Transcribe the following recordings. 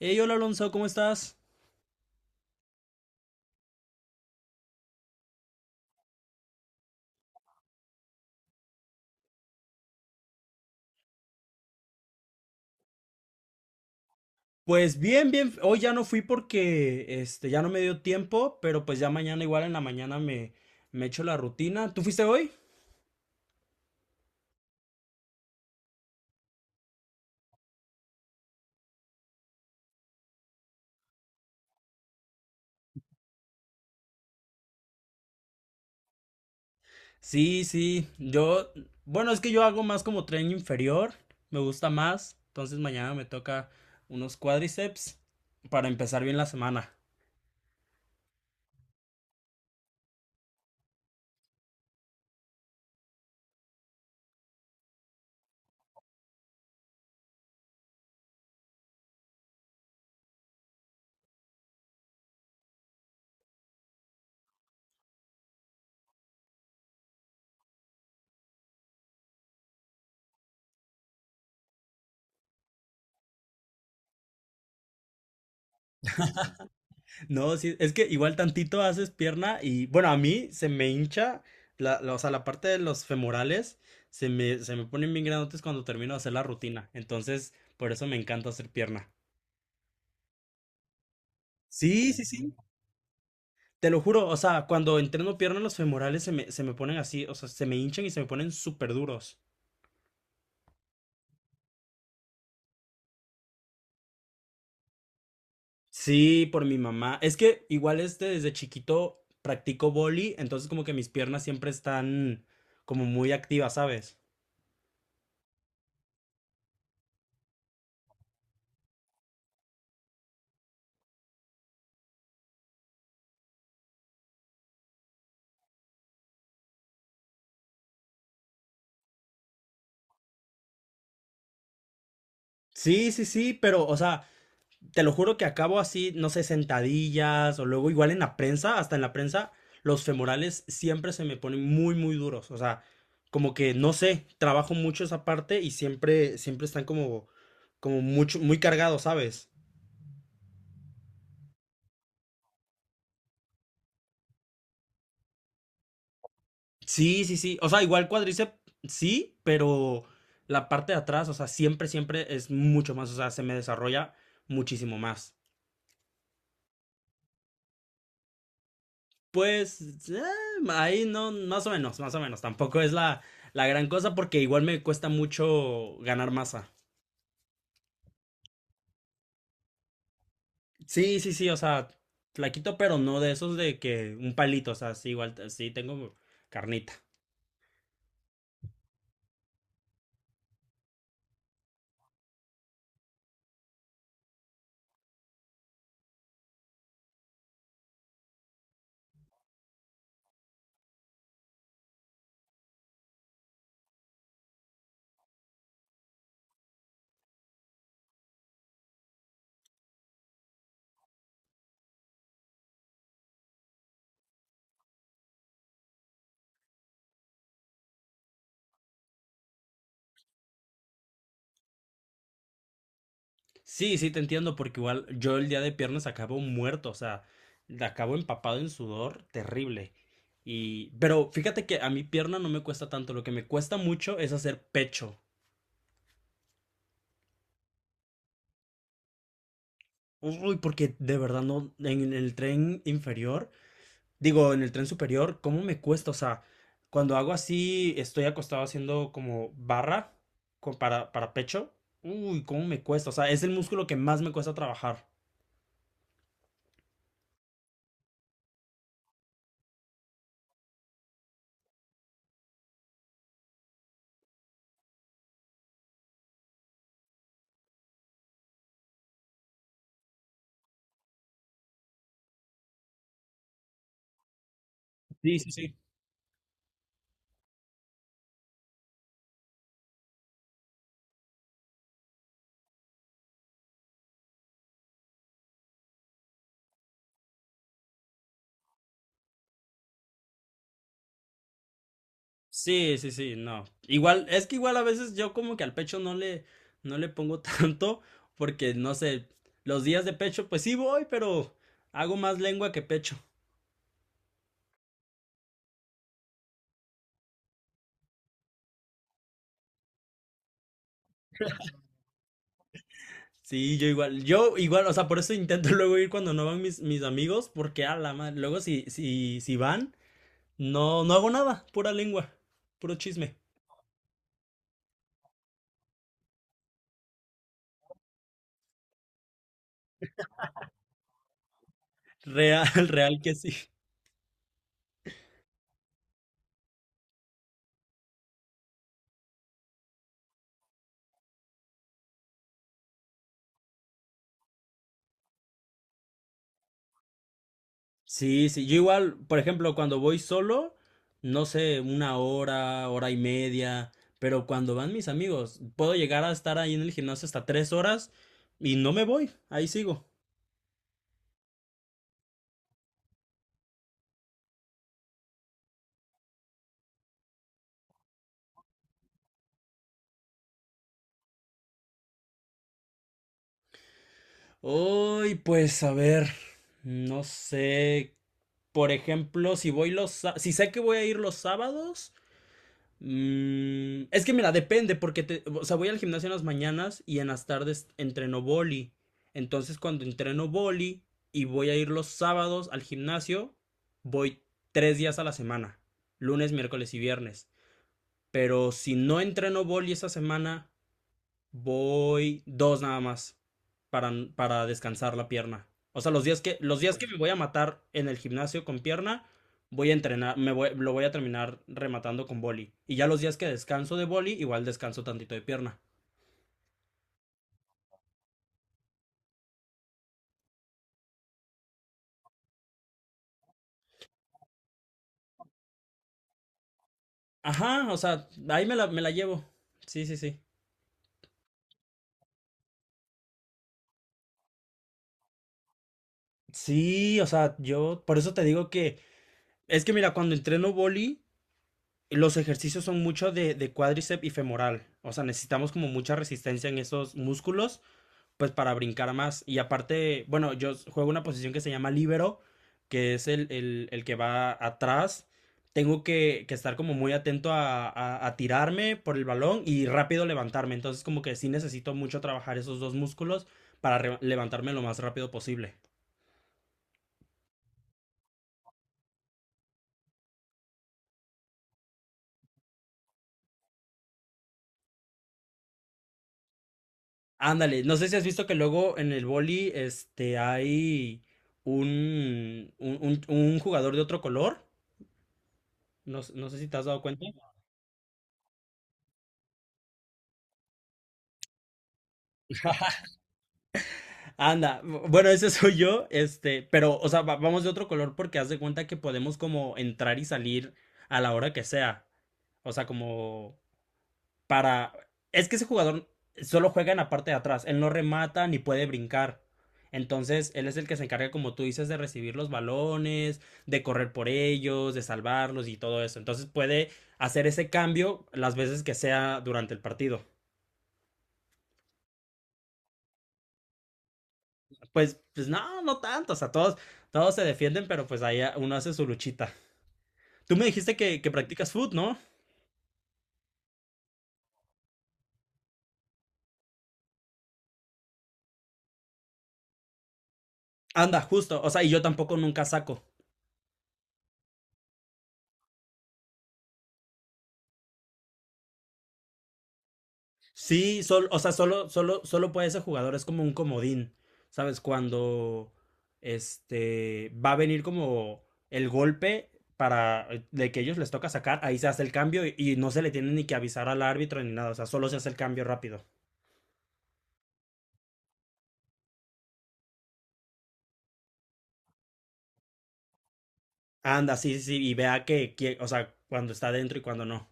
Hey, hola Alonso, ¿cómo estás? Pues bien, bien. Hoy ya no fui porque ya no me dio tiempo, pero pues ya mañana igual en la mañana me echo la rutina. ¿Tú fuiste hoy? Sí, sí. Yo, bueno, es que yo hago más como tren inferior, me gusta más, entonces mañana me toca unos cuádriceps para empezar bien la semana. No, sí, es que igual tantito haces pierna y, bueno, a mí se me hincha, o sea, la parte de los femorales se me ponen bien grandotes cuando termino de hacer la rutina. Entonces, por eso me encanta hacer pierna. Sí, sí, sí. Te lo juro, o sea, cuando entreno pierna, los femorales se me ponen así, o sea, se me hinchan y se me ponen súper duros. Sí, por mi mamá. Es que igual desde chiquito practico boli, entonces como que mis piernas siempre están como muy activas, ¿sabes? Sí, sí, sí, pero, o sea, te lo juro que acabo así, no sé, sentadillas o luego igual en la prensa, hasta en la prensa, los femorales siempre se me ponen muy, muy duros. O sea, como que no sé, trabajo mucho esa parte y siempre están como, como mucho, muy cargados, ¿sabes? Sí, sí, sí. O sea, igual cuádriceps, sí, pero la parte de atrás, o sea, siempre es mucho más, o sea, se me desarrolla muchísimo más. Pues eh, ahí no, más o menos. Tampoco es la gran cosa porque igual me cuesta mucho ganar masa. Sí, sí, sí, o sea, flaquito, pero no de esos de que un palito, o sea, sí, igual, sí, tengo carnita. Sí, sí, te entiendo porque igual yo el día de piernas acabo muerto, o sea, acabo empapado en sudor terrible. Y, pero fíjate que a mi pierna no me cuesta tanto, lo que me cuesta mucho es hacer pecho. Uy, porque de verdad no, en el tren inferior. Digo, en el tren superior, ¿cómo me cuesta? O sea, cuando hago así, estoy acostado haciendo como barra para, pecho. Uy, ¿cómo me cuesta? O sea, es el músculo que más me cuesta trabajar. Sí, sí, sí. Sí, sí, sí, no. Igual, es que igual a veces yo como que al pecho no le pongo tanto, porque no sé, los días de pecho, pues sí voy, pero hago más lengua que pecho. Sí, yo igual, o sea, por eso intento luego ir cuando no van mis amigos, porque a la madre, luego si van. No, no hago nada, pura lengua, puro chisme. Real, real que sí. Sí, sí, yo igual, por ejemplo, cuando voy solo, no sé, una hora, hora y media, pero cuando van mis amigos, puedo llegar a estar ahí en el gimnasio hasta tres horas y no me voy, ahí sigo. Uy, pues a ver, no sé, por ejemplo, si sé que voy a ir los sábados. Mm, es que mira, depende, porque o sea, voy al gimnasio en las mañanas y en las tardes entreno boli. Entonces, cuando entreno boli y voy a ir los sábados al gimnasio, voy tres días a la semana, lunes, miércoles y viernes. Pero si no entreno boli esa semana, voy dos nada más para, descansar la pierna. O sea, los días que me voy a matar en el gimnasio con pierna, me voy, lo voy a terminar rematando con boli. Y ya los días que descanso de boli, igual descanso tantito de pierna. Ajá, o sea, ahí me la llevo. Sí, sí, sí. Sí, o sea, yo por eso te digo que es que mira, cuando entreno boli, los ejercicios son mucho de, cuádriceps y femoral. O sea, necesitamos como mucha resistencia en esos músculos pues para brincar más. Y aparte, bueno, yo juego una posición que se llama libero, que es el que va atrás. Tengo que estar como muy atento a tirarme por el balón y rápido levantarme. Entonces como que sí necesito mucho trabajar esos dos músculos para levantarme lo más rápido posible. Ándale, no sé si has visto que luego en el boli hay un jugador de otro color. No, no sé si te has dado cuenta. Anda, bueno, ese soy yo, este, pero, o sea, vamos de otro color porque haz de cuenta que podemos como entrar y salir a la hora que sea. O sea, como para, es que ese jugador solo juega en la parte de atrás, él no remata ni puede brincar. Entonces, él es el que se encarga, como tú dices, de recibir los balones, de correr por ellos, de salvarlos y todo eso. Entonces, puede hacer ese cambio las veces que sea durante el partido. Pues, pues no, no tanto, o sea, todos se defienden, pero pues ahí uno hace su luchita. Tú me dijiste que, practicas food, ¿no? Anda, justo. O sea, y yo tampoco nunca saco. Sí, o sea, solo puede ese jugador, es como un comodín. ¿Sabes? Cuando va a venir como el golpe para de que ellos les toca sacar, ahí se hace el cambio y no se le tiene ni que avisar al árbitro ni nada. O sea, solo se hace el cambio rápido. Anda, sí, sí, sí, y vea que, o sea, cuando está dentro y cuando no.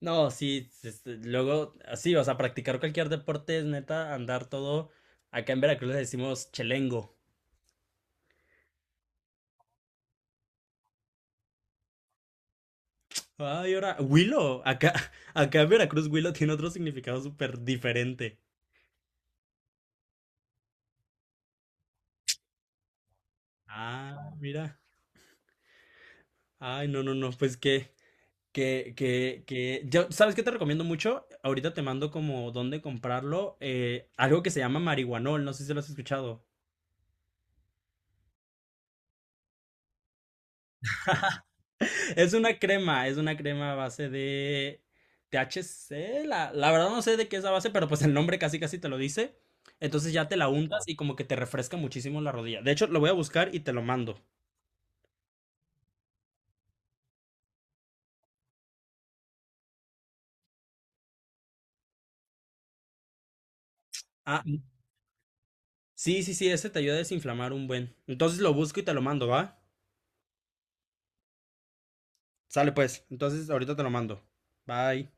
No, sí, luego, así, o sea, practicar cualquier deporte es neta, andar todo. Acá en Veracruz le decimos chelengo. Ay, ahora, Huilo, acá, acá en Veracruz Huilo tiene otro significado súper diferente. Ah, mira. Ay, no, no, no, pues yo, ¿sabes qué te recomiendo mucho? Ahorita te mando como dónde comprarlo, algo que se llama marihuanol, no sé si lo has escuchado. Es una crema a base de THC. La verdad no sé de qué es la base, pero pues el nombre casi casi te lo dice. Entonces ya te la untas y como que te refresca muchísimo la rodilla. De hecho, lo voy a buscar y te lo mando. Ah, sí, sí, sí, ese te ayuda a desinflamar un buen. Entonces lo busco y te lo mando, ¿va? Sale pues. Entonces ahorita te lo mando. Bye.